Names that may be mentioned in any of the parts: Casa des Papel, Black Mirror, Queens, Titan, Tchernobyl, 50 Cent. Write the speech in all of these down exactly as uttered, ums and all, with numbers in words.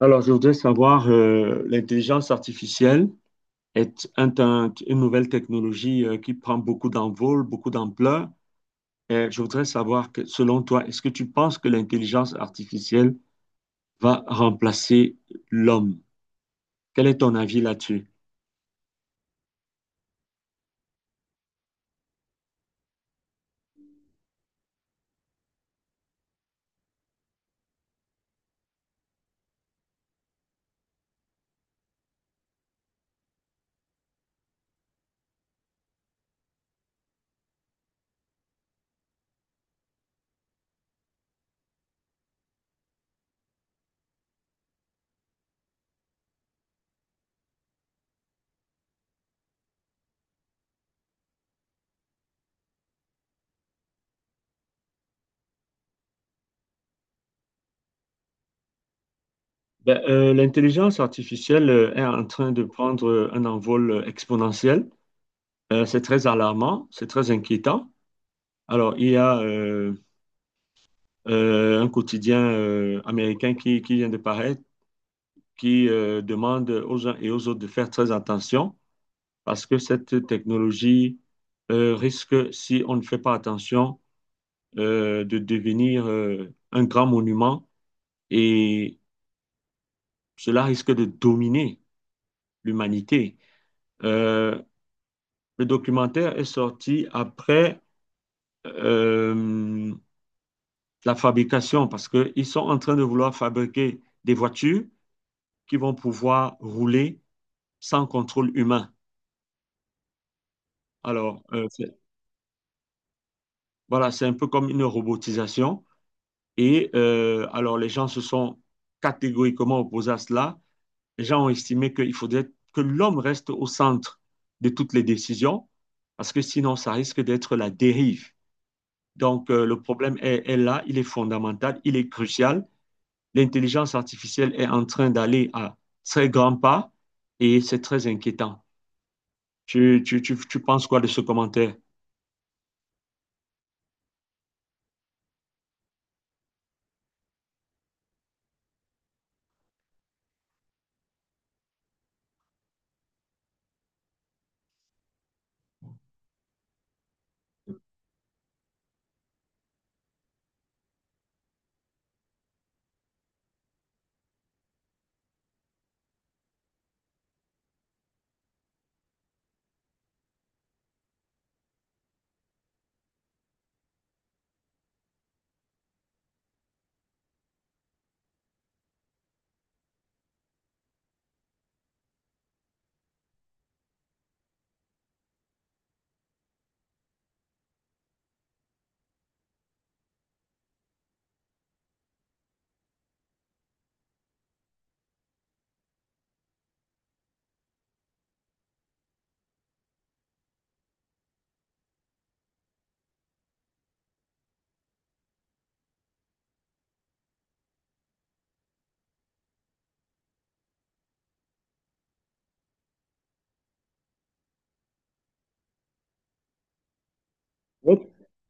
Alors, je voudrais savoir, euh, l'intelligence artificielle est un- un- une nouvelle technologie euh, qui prend beaucoup d'envol, beaucoup d'ampleur. Et je voudrais savoir que, selon toi, est-ce que tu penses que l'intelligence artificielle va remplacer l'homme? Quel est ton avis là-dessus? Ben, euh, l'intelligence artificielle euh, est en train de prendre euh, un envol euh, exponentiel. Euh, c'est très alarmant, c'est très inquiétant. Alors, il y a euh, euh, un quotidien euh, américain qui, qui vient de paraître qui euh, demande aux uns et aux autres de faire très attention parce que cette technologie euh, risque, si on ne fait pas attention, euh, de devenir euh, un grand monument et cela risque de dominer l'humanité. Euh, le documentaire est sorti après euh, la fabrication parce qu'ils sont en train de vouloir fabriquer des voitures qui vont pouvoir rouler sans contrôle humain. Alors, euh, c'est voilà, c'est un peu comme une robotisation. Et euh, alors, les gens se sont catégoriquement opposés à cela. Les gens ont estimé qu'il faudrait que l'homme reste au centre de toutes les décisions, parce que sinon, ça risque d'être la dérive. Donc, euh, le problème est, est là, il est fondamental, il est crucial. L'intelligence artificielle est en train d'aller à très grands pas et c'est très inquiétant. Tu, tu, tu, tu penses quoi de ce commentaire?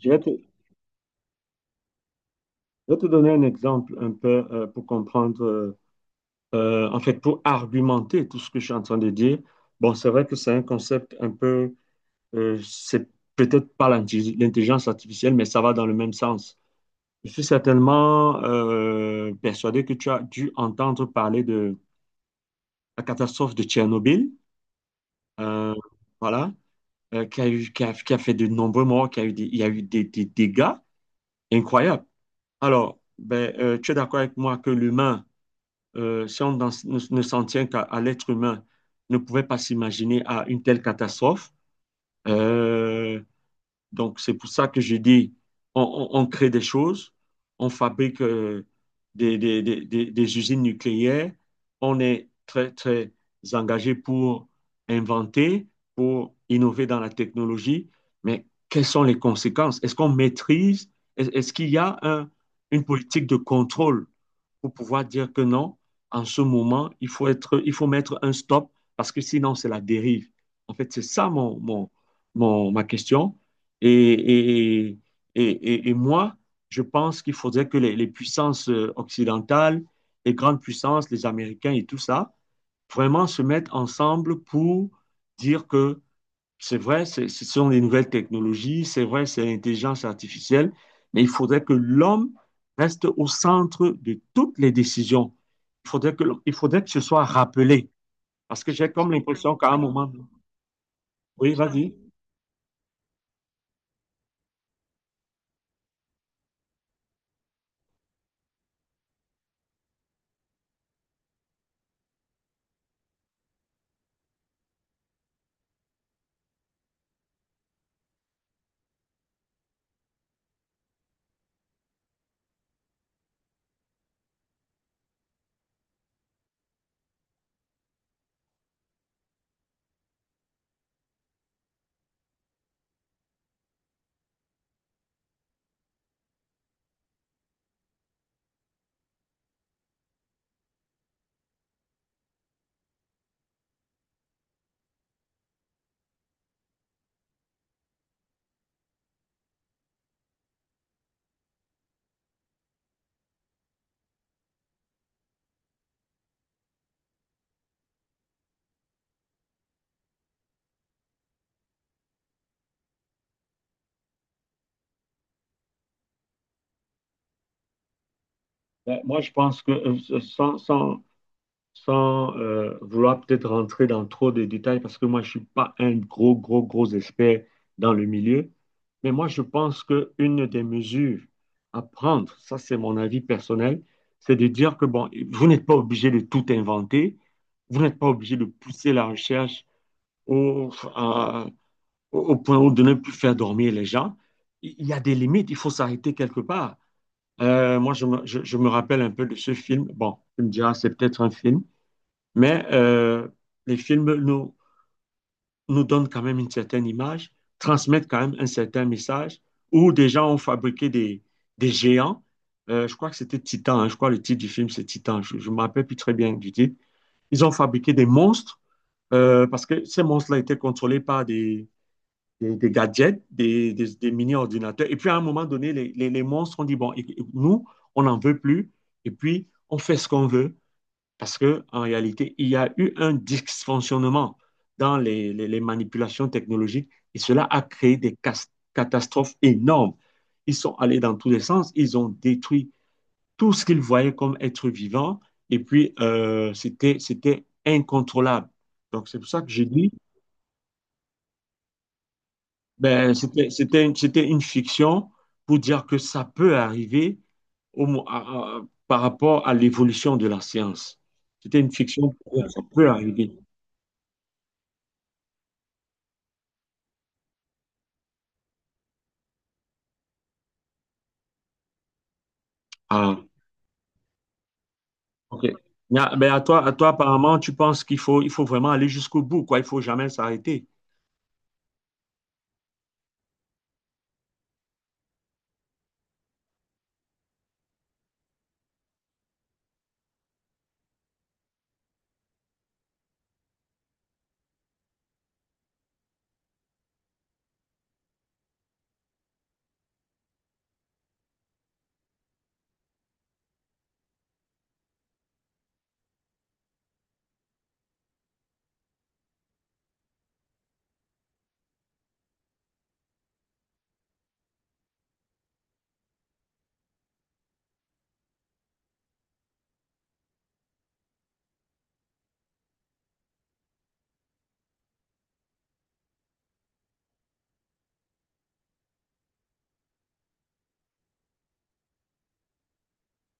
Je vais te, je vais te donner un exemple un peu euh, pour comprendre euh, euh, en fait, pour argumenter tout ce que je suis en train de dire, bon, c'est vrai que c'est un concept un peu, euh, c'est peut-être pas l'intelli- l'intelligence artificielle, mais ça va dans le même sens. Je suis certainement euh, persuadé que tu as dû entendre parler de la catastrophe de Tchernobyl, euh, voilà, euh, qui a eu, qui a, qui a fait de nombreux morts, qui a eu des, il y a eu des, des dégâts incroyables. Alors, ben, euh, tu es d'accord avec moi que l'humain euh, si on n'en- ne, ne s'en tient qu'à à l'être humain, ne pouvait pas s'imaginer à une telle catastrophe. Euh, donc, c'est pour ça que je dis, on, on- on crée des choses, on fabrique euh, des, des- des- des- des usines nucléaires, on est très, très engagé pour inventer, pour innover dans la technologie, mais quelles sont les conséquences? Est-ce qu'on maîtrise? Est- Est-ce qu'il y a un- une politique de contrôle pour pouvoir dire que non, en ce moment, il faut être, il faut mettre un stop parce que sinon, c'est la dérive. En fait, c'est ça mon, mon, mon- ma question. Et, et, et, et et moi, je pense qu'il faudrait que les, les puissances euh, occidentales, les grandes puissances, les Américains et tout ça, vraiment se mettent ensemble pour dire que c'est vrai, c'est- ce sont des nouvelles technologies, c'est vrai, c'est l'intelligence artificielle, mais il faudrait que l'homme reste au centre de toutes les décisions. Il faudrait que, il faudrait que ce soit rappelé. Parce que j'ai comme l'impression qu'à un moment, oui, vas-y. Ben, Moi, je pense que euh, sans, sans, sans euh, vouloir peut-être rentrer dans trop de détails, parce que moi, je ne suis pas un gros, gros, gros expert dans le milieu, mais moi, je pense qu'une des mesures à prendre, ça c'est mon avis personnel, c'est de dire que, bon, vous n'êtes pas obligé de tout inventer, vous n'êtes pas obligé de pousser la recherche au, à- au au point où de ne plus faire dormir les gens. Il il y a des limites, il faut s'arrêter quelque part. Euh, moi, je me, je- je me rappelle un peu de ce film. Bon, tu me diras, c'est peut-être un film. Mais euh, les films nous, nous donnent quand même une certaine image, transmettent quand même un certain message, où des gens ont fabriqué des, des géants. Euh, je crois que c'était Titan, hein. Je crois que le titre du film c'est Titan, je ne me rappelle plus très bien du titre. Ils ont fabriqué des monstres, euh, parce que ces monstres-là étaient contrôlés par des, des, des gadgets, des, des- des mini-ordinateurs. Et puis à un moment donné, les, les- les monstres ont dit, bon, éc- nous, on n'en veut plus, et puis on fait ce qu'on veut. Parce que, en réalité, il y a eu un dysfonctionnement dans les, les- les manipulations technologiques et cela a créé des cas- catastrophes énormes. Ils sont allés dans tous les sens, ils ont détruit tout ce qu'ils voyaient comme être vivant et puis euh, c'était, c'était incontrôlable. Donc, c'est pour ça que j'ai dit, ben, c'était, c'était, c'était une fiction pour dire que ça peut arriver au mo- à- à- par rapport à l'évolution de la science. C'était une fiction pour dire que ça peut arriver. Ah, ok. Il y a- ben, à toi, à toi, apparemment, tu penses qu'il faut, il faut vraiment aller jusqu'au bout, quoi. Il faut jamais s'arrêter.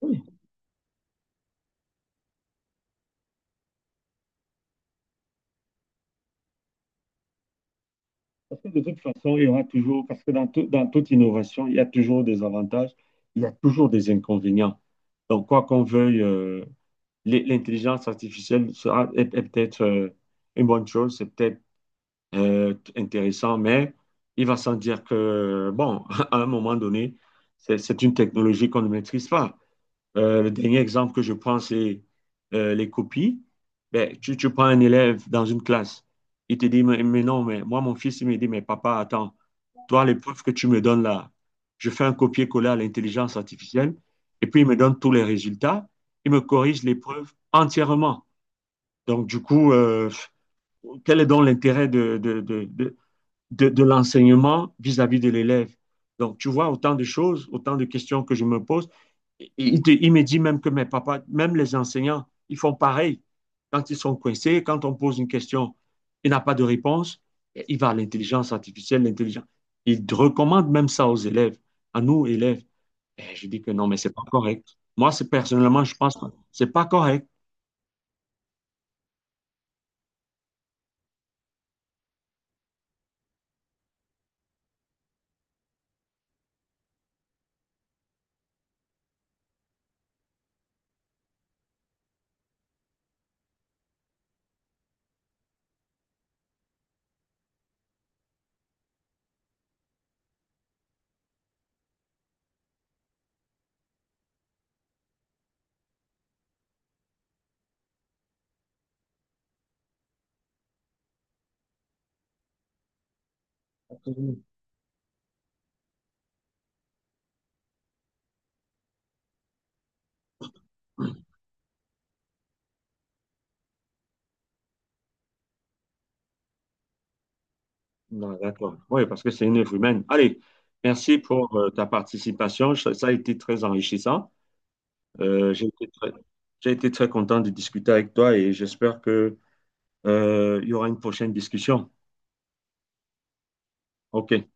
Oui, parce que de toute façon, il y aura toujours, parce que dans, tout- dans toute innovation, il y a toujours des avantages, il y a toujours des inconvénients. Donc, quoi qu'on veuille, euh, l'in- l'intelligence artificielle sera, est, est peut-être euh, une bonne chose, c'est peut-être euh, intéressant, mais il va sans dire que, bon, à un moment donné, c'est c'est une technologie qu'on ne maîtrise pas. Euh, le dernier exemple que je prends, c'est euh, les copies. Ben, tu, tu prends un élève dans une classe, il te dit, mais, mais non, mais moi, mon fils, il me dit, mais papa, attends, toi, l'épreuve que tu me donnes là, je fais un copier-coller à l'intelligence artificielle, et puis il me donne tous les résultats, il me corrige l'épreuve entièrement. Donc, du coup, euh, quel est donc l'intérêt de, de, de, de- de, de l'enseignement vis-à-vis de l'élève. Donc, tu vois, autant de choses, autant de questions que je me pose. Et il, te- il me dit même que mes papas, même les enseignants, ils font pareil. Quand ils sont coincés, quand on pose une question, il n'a pas de réponse, il va à l'intelligence artificielle, l'intelligence. Il recommande même ça aux élèves, à nous, élèves. Et je dis que non, mais c'est pas correct. Moi, c'est personnellement, je pense que c'est pas correct. Non, d'accord. Oui, parce que c'est une œuvre humaine. Allez, merci pour euh, ta participation. Ça, ça a été très enrichissant. Euh, j'ai été très, j'ai été très content de discuter avec toi et j'espère que, euh, il y aura une prochaine discussion. OK.